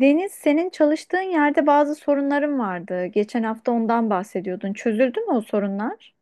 Deniz, senin çalıştığın yerde bazı sorunların vardı. Geçen hafta ondan bahsediyordun. Çözüldü mü o sorunlar?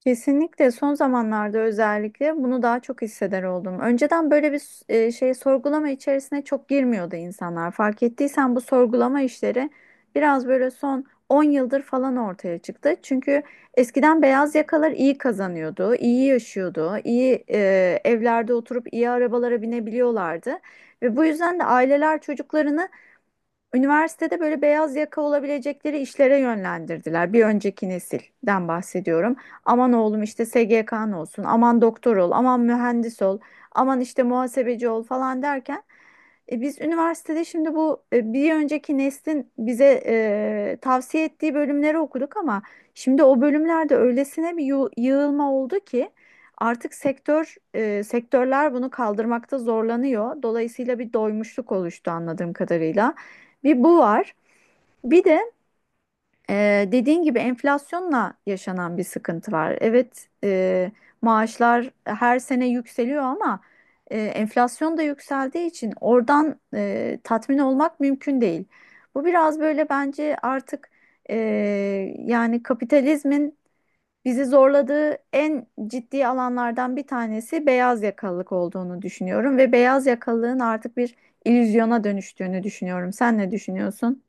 Kesinlikle son zamanlarda özellikle bunu daha çok hisseder oldum. Önceden böyle bir şey sorgulama içerisine çok girmiyordu insanlar. Fark ettiysen bu sorgulama işleri biraz böyle son 10 yıldır falan ortaya çıktı. Çünkü eskiden beyaz yakalar iyi kazanıyordu, iyi yaşıyordu, iyi evlerde oturup iyi arabalara binebiliyorlardı. Ve bu yüzden de aileler çocuklarını üniversitede böyle beyaz yaka olabilecekleri işlere yönlendirdiler. Bir önceki nesilden bahsediyorum. Aman oğlum işte SGK'n olsun, aman doktor ol, aman mühendis ol, aman işte muhasebeci ol falan derken biz üniversitede şimdi bu bir önceki neslin bize tavsiye ettiği bölümleri okuduk ama şimdi o bölümlerde öylesine bir yığılma oldu ki artık sektörler bunu kaldırmakta zorlanıyor. Dolayısıyla bir doymuşluk oluştu anladığım kadarıyla. Bir bu var. Bir de dediğin gibi enflasyonla yaşanan bir sıkıntı var. Evet, maaşlar her sene yükseliyor ama enflasyon da yükseldiği için oradan tatmin olmak mümkün değil. Bu biraz böyle bence artık e, yani kapitalizmin bizi zorladığı en ciddi alanlardan bir tanesi beyaz yakalılık olduğunu düşünüyorum ve beyaz yakalılığın artık bir illüzyona dönüştüğünü düşünüyorum. Sen ne düşünüyorsun?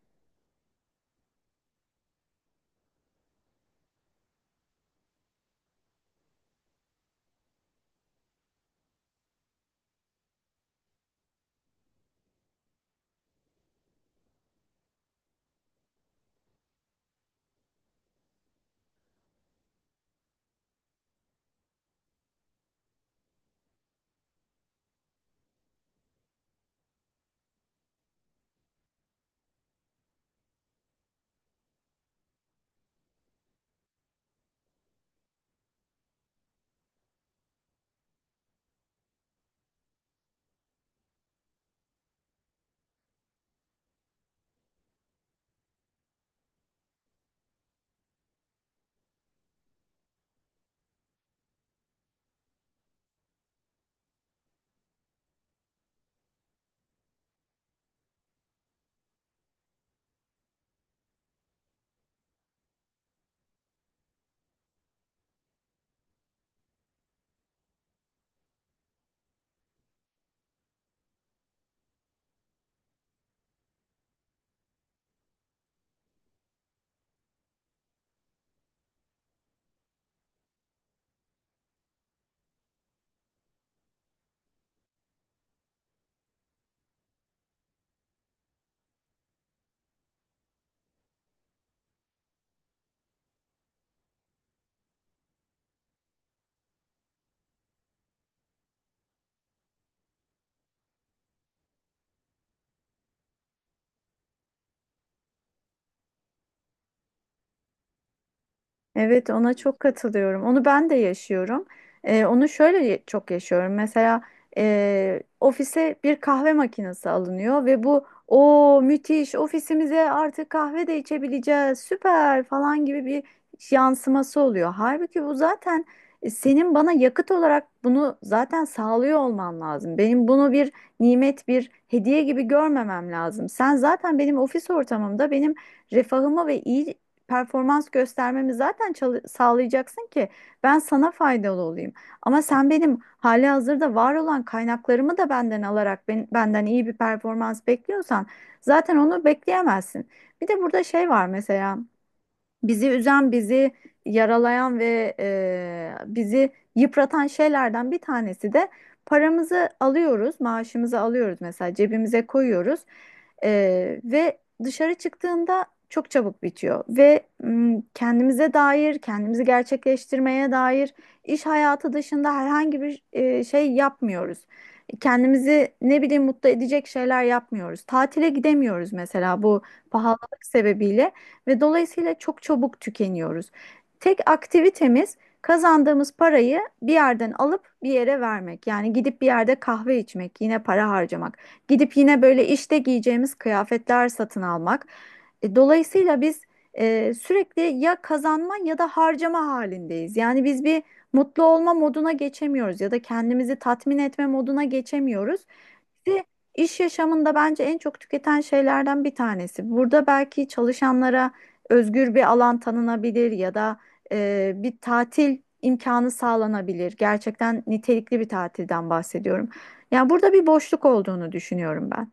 Evet, ona çok katılıyorum. Onu ben de yaşıyorum. Onu çok yaşıyorum. Mesela ofise bir kahve makinesi alınıyor ve bu o müthiş ofisimize artık kahve de içebileceğiz süper falan gibi bir yansıması oluyor. Halbuki bu zaten senin bana yakıt olarak bunu zaten sağlıyor olman lazım. Benim bunu bir nimet, bir hediye gibi görmemem lazım. Sen zaten benim ofis ortamımda benim refahımı ve iyi performans göstermemi zaten sağlayacaksın ki ben sana faydalı olayım. Ama sen benim hali hazırda var olan kaynaklarımı da benden alarak benden iyi bir performans bekliyorsan zaten onu bekleyemezsin. Bir de burada şey var mesela bizi üzen, bizi yaralayan ve bizi yıpratan şeylerden bir tanesi de paramızı alıyoruz, maaşımızı alıyoruz, mesela cebimize koyuyoruz. Ve dışarı çıktığında çok çabuk bitiyor ve kendimize dair, kendimizi gerçekleştirmeye dair iş hayatı dışında herhangi bir şey yapmıyoruz. Kendimizi ne bileyim mutlu edecek şeyler yapmıyoruz. Tatile gidemiyoruz mesela bu pahalılık sebebiyle ve dolayısıyla çok çabuk tükeniyoruz. Tek aktivitemiz kazandığımız parayı bir yerden alıp bir yere vermek. Yani gidip bir yerde kahve içmek, yine para harcamak. Gidip yine böyle işte giyeceğimiz kıyafetler satın almak. Dolayısıyla biz sürekli ya kazanma ya da harcama halindeyiz. Yani biz bir mutlu olma moduna geçemiyoruz ya da kendimizi tatmin etme moduna geçemiyoruz. Ve iş yaşamında bence en çok tüketen şeylerden bir tanesi. Burada belki çalışanlara özgür bir alan tanınabilir ya da bir tatil imkanı sağlanabilir. Gerçekten nitelikli bir tatilden bahsediyorum. Yani burada bir boşluk olduğunu düşünüyorum ben.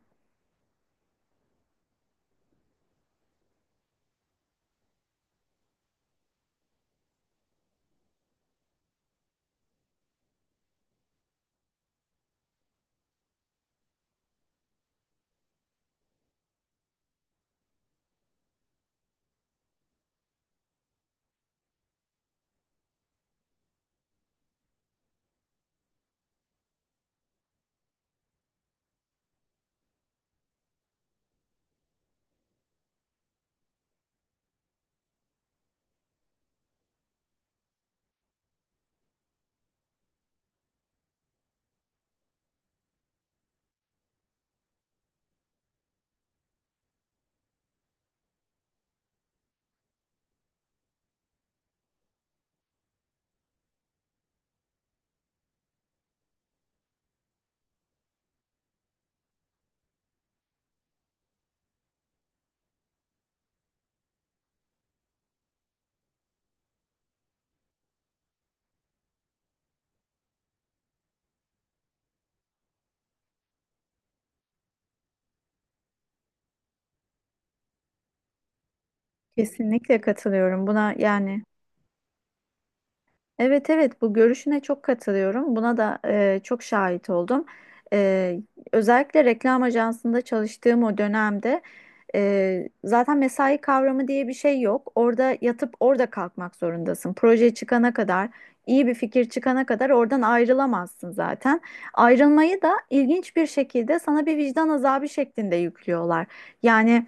Kesinlikle katılıyorum buna yani. Evet, evet, bu görüşüne çok katılıyorum. Buna da çok şahit oldum. E, Özellikle reklam ajansında çalıştığım o dönemde zaten mesai kavramı diye bir şey yok. Orada yatıp orada kalkmak zorundasın. Proje çıkana kadar, iyi bir fikir çıkana kadar oradan ayrılamazsın zaten. Ayrılmayı da ilginç bir şekilde sana bir vicdan azabı şeklinde yüklüyorlar. Yani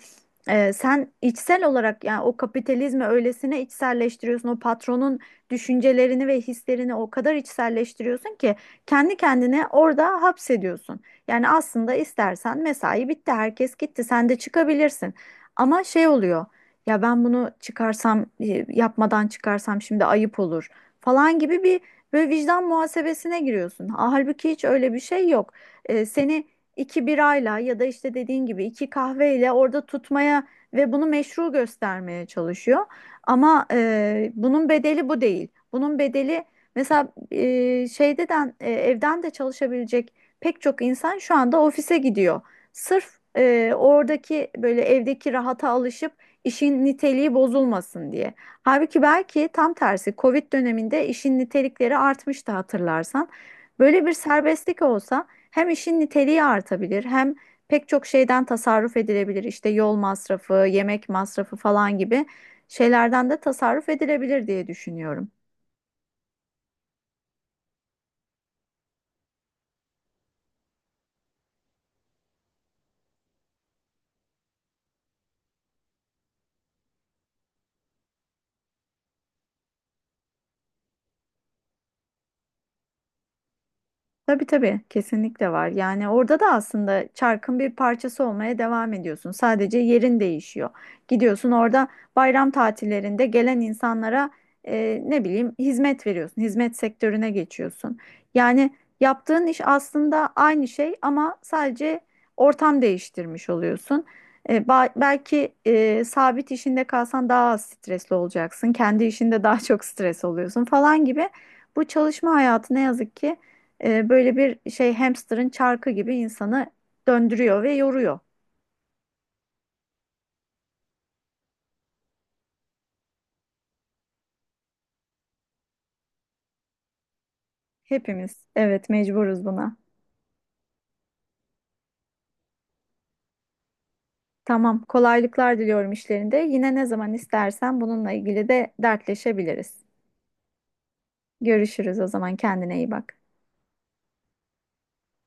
sen içsel olarak yani o kapitalizmi öylesine içselleştiriyorsun, o patronun düşüncelerini ve hislerini o kadar içselleştiriyorsun ki kendi kendine orada hapsediyorsun. Yani aslında istersen mesai bitti, herkes gitti, sen de çıkabilirsin. Ama şey oluyor. Ya ben bunu çıkarsam, yapmadan çıkarsam şimdi ayıp olur falan gibi bir böyle vicdan muhasebesine giriyorsun. Halbuki hiç öyle bir şey yok. Seni iki birayla ya da işte dediğin gibi iki kahveyle orada tutmaya ve bunu meşru göstermeye çalışıyor. Ama bunun bedeli bu değil. Bunun bedeli mesela evden de çalışabilecek pek çok insan şu anda ofise gidiyor. Sırf oradaki böyle evdeki rahata alışıp işin niteliği bozulmasın diye. Halbuki belki tam tersi Covid döneminde işin nitelikleri artmıştı hatırlarsan. Böyle bir serbestlik olsa hem işin niteliği artabilir hem pek çok şeyden tasarruf edilebilir. İşte yol masrafı, yemek masrafı falan gibi şeylerden de tasarruf edilebilir diye düşünüyorum. Tabii tabii kesinlikle var. Yani orada da aslında çarkın bir parçası olmaya devam ediyorsun. Sadece yerin değişiyor. Gidiyorsun orada bayram tatillerinde gelen insanlara ne bileyim hizmet veriyorsun. Hizmet sektörüne geçiyorsun. Yani yaptığın iş aslında aynı şey ama sadece ortam değiştirmiş oluyorsun. Belki sabit işinde kalsan daha az stresli olacaksın. Kendi işinde daha çok stres oluyorsun falan gibi. Bu çalışma hayatı ne yazık ki böyle bir şey, hamsterın çarkı gibi insanı döndürüyor ve yoruyor. Hepimiz, evet, mecburuz buna. Tamam, kolaylıklar diliyorum işlerinde. Yine ne zaman istersen bununla ilgili de dertleşebiliriz. Görüşürüz o zaman, kendine iyi bak.